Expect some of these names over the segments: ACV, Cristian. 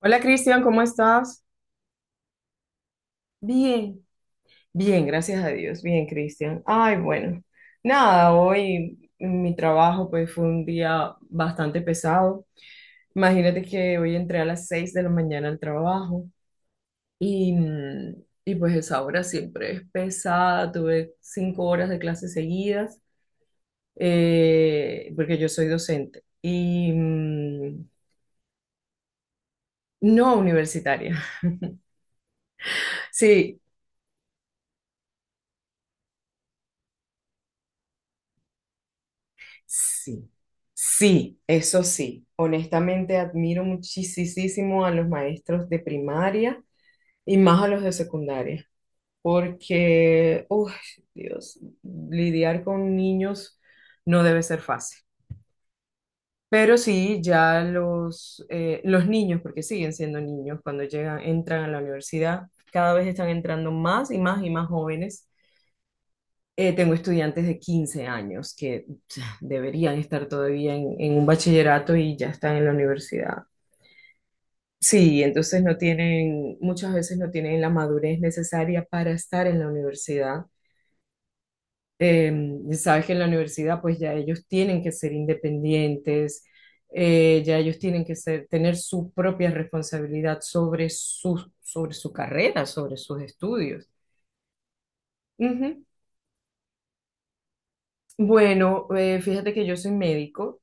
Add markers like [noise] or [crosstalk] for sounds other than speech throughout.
Hola Cristian, ¿cómo estás? Bien, Bien, gracias a Dios, bien Cristian. Ay, bueno, nada, hoy mi trabajo pues fue un día bastante pesado. Imagínate que hoy entré a las 6 de la mañana al trabajo y, y pues esa hora siempre es pesada. Tuve cinco horas de clases seguidas porque yo soy docente y no universitaria. [laughs] Sí, Sí, sí, eso sí. Honestamente admiro muchísimo a los maestros de primaria y más a los de secundaria, porque, uy, Dios, lidiar con niños no debe ser fácil. Pero sí, ya los niños, porque siguen siendo niños cuando llegan, entran a la universidad, cada vez están entrando más y más y más jóvenes. Tengo estudiantes de 15 años que [tsk] deberían estar todavía en un bachillerato y ya están en la universidad. Sí, entonces no tienen, muchas veces no tienen la madurez necesaria para estar en la universidad. Eh, sabes que en la universidad pues ya ellos tienen que ser independientes, ya ellos tienen que ser, tener su propia responsabilidad sobre sobre su carrera, sobre sus estudios. Ujú. Bueno, fíjate que yo soy médico.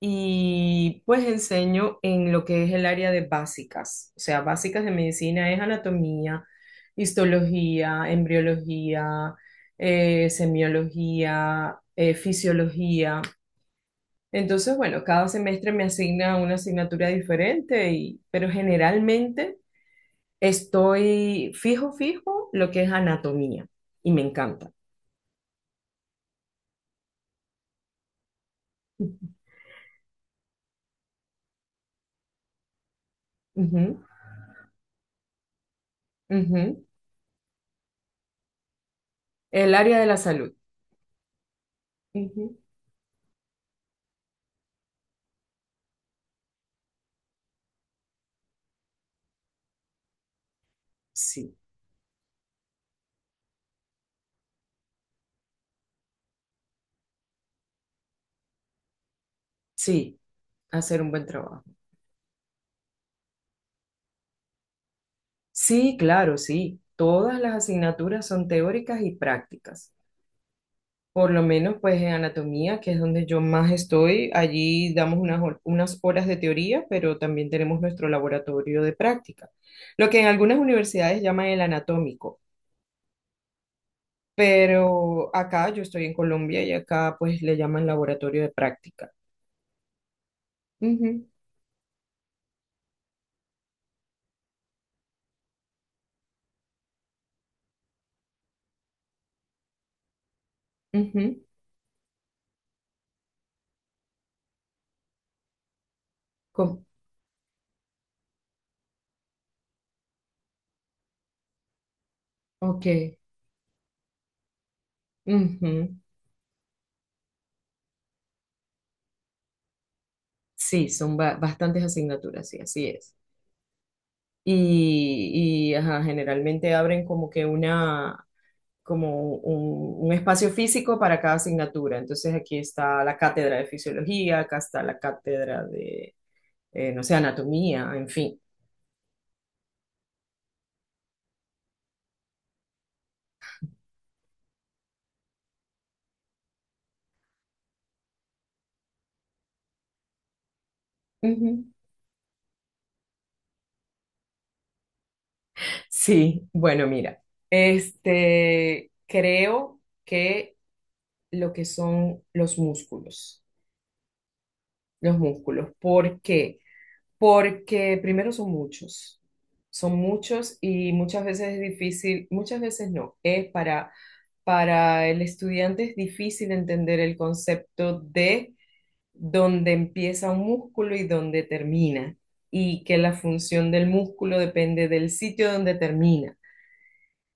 Y pues enseño en lo que es el área de básicas, o sea, básicas de medicina es anatomía, histología, embriología, semiología, fisiología. Entonces, bueno, cada semestre me asigna una asignatura diferente, pero generalmente estoy fijo lo que es anatomía y me encanta. Ujú, ujú. El área de la salud. Ujú. Sí, sí, hacer un buen trabajo. Sí, claro, sí. Todas las asignaturas son teóricas y prácticas. Por lo menos, pues en anatomía, que es donde yo más estoy, allí damos unas, unas horas de teoría, pero también tenemos nuestro laboratorio de práctica, lo que en algunas universidades llaman el anatómico, pero acá yo estoy en Colombia y acá pues le llaman laboratorio de práctica. Ujú, ujú, co- ok. Ujú. Sí, son bastantes asignaturas, sí, así es. Ajá, generalmente abren como que una, como un espacio físico para cada asignatura. Entonces aquí está la cátedra de fisiología, acá está la cátedra de, no sé, anatomía, en fin. Ujú. Sí, bueno, mira, este, creo que lo que son los músculos. Los músculos. ¿Por qué? Porque primero son muchos y muchas veces es difícil, muchas veces no, es para el estudiante es difícil entender el concepto de dónde empieza un músculo y dónde termina, y que la función del músculo depende del sitio donde termina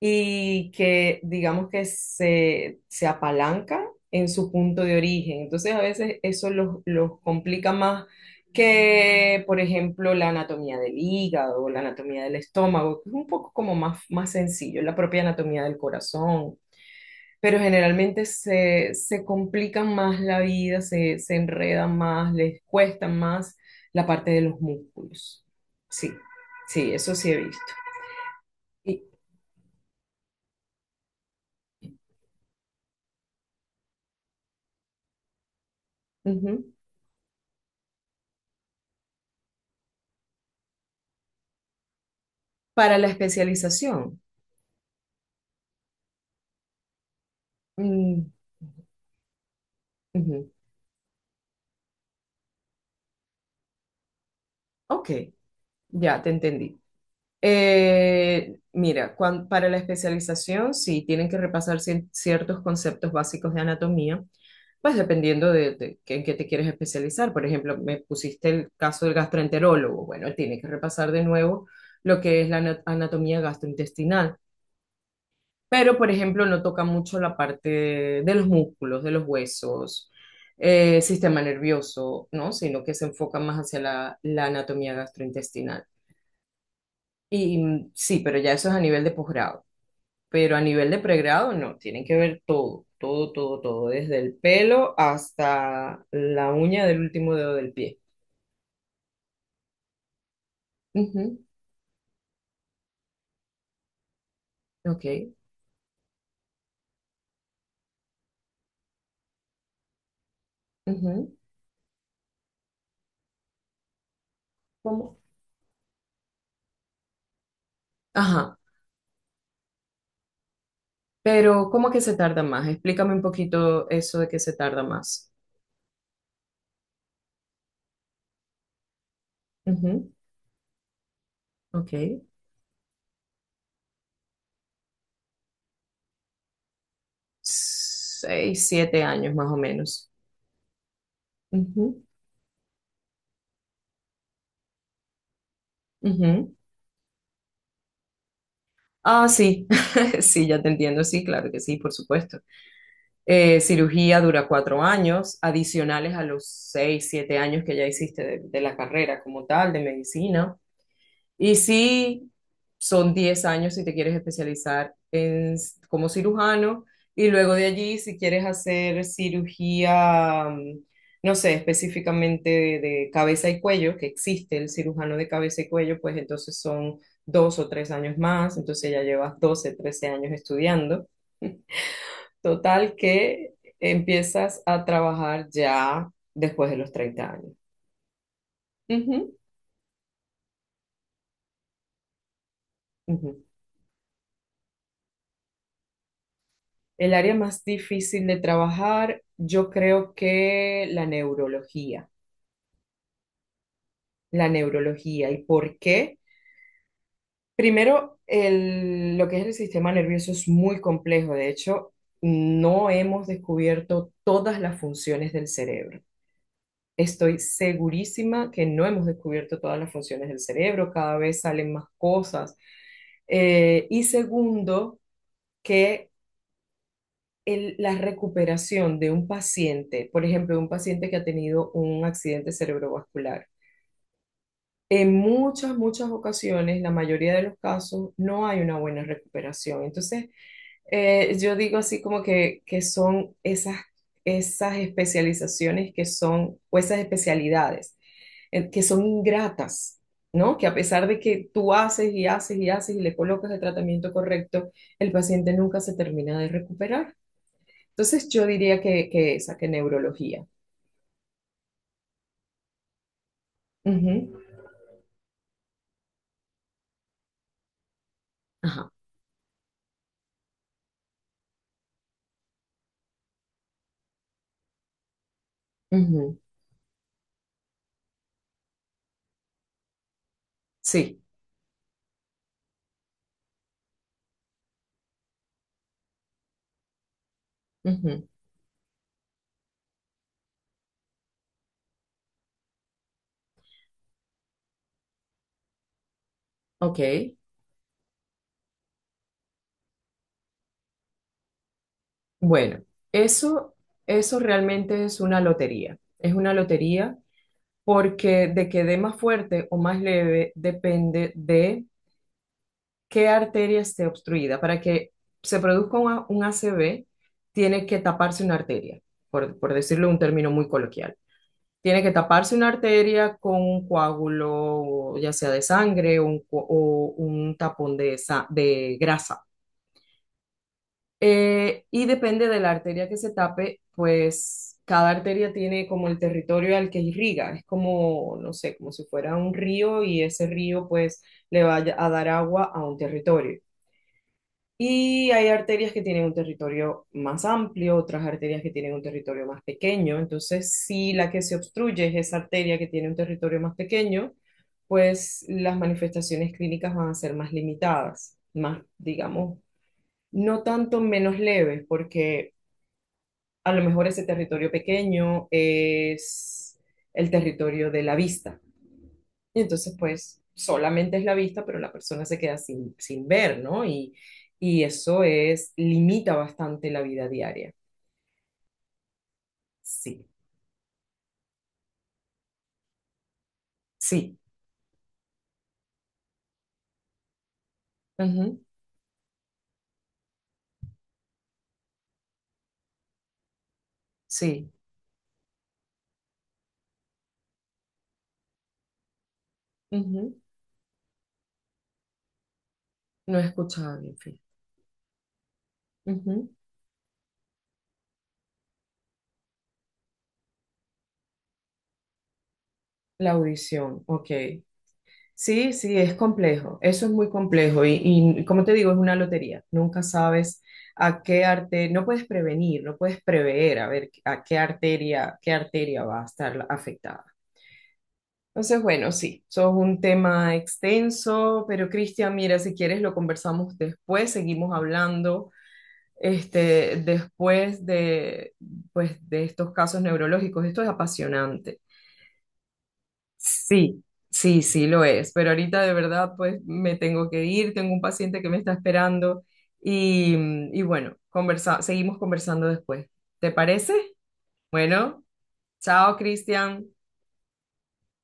y que digamos que se apalanca en su punto de origen. Entonces a veces eso los complica más que, por ejemplo, la anatomía del hígado o la anatomía del estómago, que es un poco como más, más sencillo, la propia anatomía del corazón. Pero generalmente se complican más la vida, se enredan más, les cuesta más la parte de los músculos. Sí, sí, eso sí he visto. Y, ujú. Para la especialización. Mm, ujú. Ok, ya te entendí. Mira, cuan- para la especialización, sí, tienen que repasar ciertos conceptos básicos de anatomía, pues dependiendo de, en qué te quieres especializar. Por ejemplo, me pusiste el caso del gastroenterólogo. Bueno, él tiene que repasar de nuevo lo que es la anatomía gastrointestinal. Pero por ejemplo no toca mucho la parte de los músculos, de los huesos, sistema nervioso, ¿no? Sino que se enfoca más hacia la, la anatomía gastrointestinal. Y sí, pero ya eso es a nivel de posgrado, pero a nivel de pregrado no, tienen que ver todo, todo, todo, todo, desde el pelo hasta la uña del último dedo del pie. Ujú, ok, ujú, ¿cómo? Ajá, pero ¿cómo que se tarda más? Explícame un poquito eso de que se tarda más. Ujú. Ok. Seis, siete años más o menos. Ujú, ujú. Ah, sí, [laughs] sí, ya te entiendo, sí, claro que sí, por supuesto. Cirugía dura 4 años, adicionales a los 6, 7 años que ya hiciste de la carrera como tal, de medicina. Y sí, son 10 años si te quieres especializar en, como cirujano y luego de allí si quieres hacer cirugía, no sé, específicamente de cabeza y cuello, que existe el cirujano de cabeza y cuello, pues entonces son 2 o 3 años más, entonces ya llevas 12 13 años estudiando. Total que empiezas a trabajar ya después de los 30 años. Ujú, ujú. El área más difícil de trabajar, yo creo que la neurología, la neurología. ¿Y por qué? Primero, lo que es el sistema nervioso es muy complejo. De hecho, no hemos descubierto todas las funciones del cerebro. Estoy segurísima que no hemos descubierto todas las funciones del cerebro. Cada vez salen más cosas. Y segundo, que la recuperación de un paciente, por ejemplo, un paciente que ha tenido un accidente cerebrovascular. En muchas, muchas ocasiones, la mayoría de los casos, no hay una buena recuperación. Entonces, yo digo así como que son esas, esas especializaciones que son, o esas especialidades, que son ingratas, ¿no? Que a pesar de que tú haces y haces y haces y le colocas el tratamiento correcto, el paciente nunca se termina de recuperar. Entonces yo diría que esa, que neurología. Ujú, ajá. Ujú, sí. Ujú, ok. Bueno, eso, eso realmente es una lotería. Es una lotería porque de que dé más fuerte o más leve depende de qué arteria esté obstruida. Para que se produzca un, un ACV, tiene que taparse una arteria, por decirlo en un término muy coloquial. Tiene que taparse una arteria con un coágulo, ya sea de sangre o un, o un tapón de, de grasa. Y depende de la arteria que se tape, pues cada arteria tiene como el territorio al que irriga. Es como, no sé, como si fuera un río y ese río pues le va a dar agua a un territorio. Y hay arterias que tienen un territorio más amplio, otras arterias que tienen un territorio más pequeño. Entonces, si la que se obstruye es esa arteria que tiene un territorio más pequeño, pues las manifestaciones clínicas van a ser más limitadas, más, digamos, no tanto menos leves, porque a lo mejor ese territorio pequeño es el territorio de la vista y entonces, pues, solamente es la vista, pero la persona se queda sin, sin ver, ¿no? Y eso es, limita bastante la vida diaria. Sí, sí, ujú, sí, ujú. No he escuchado bien, fíjate. Ujú. La audición, ok. Sí, sí, es complejo, eso es muy complejo y, como te digo, es una lotería, nunca sabes a qué arte, no puedes prevenir, no puedes prever a ver a qué arteria va a estar afectada. Entonces, bueno, sí, eso es un tema extenso, pero Cristian, mira, si quieres lo conversamos después, seguimos hablando este, después de, pues, de estos casos neurológicos. Esto es apasionante. Sí, sí, sí lo es, pero ahorita de verdad, pues me tengo que ir, tengo un paciente que me está esperando y, y bueno, conversa, seguimos conversando después. ¿Te parece? Bueno, chao, Cristian.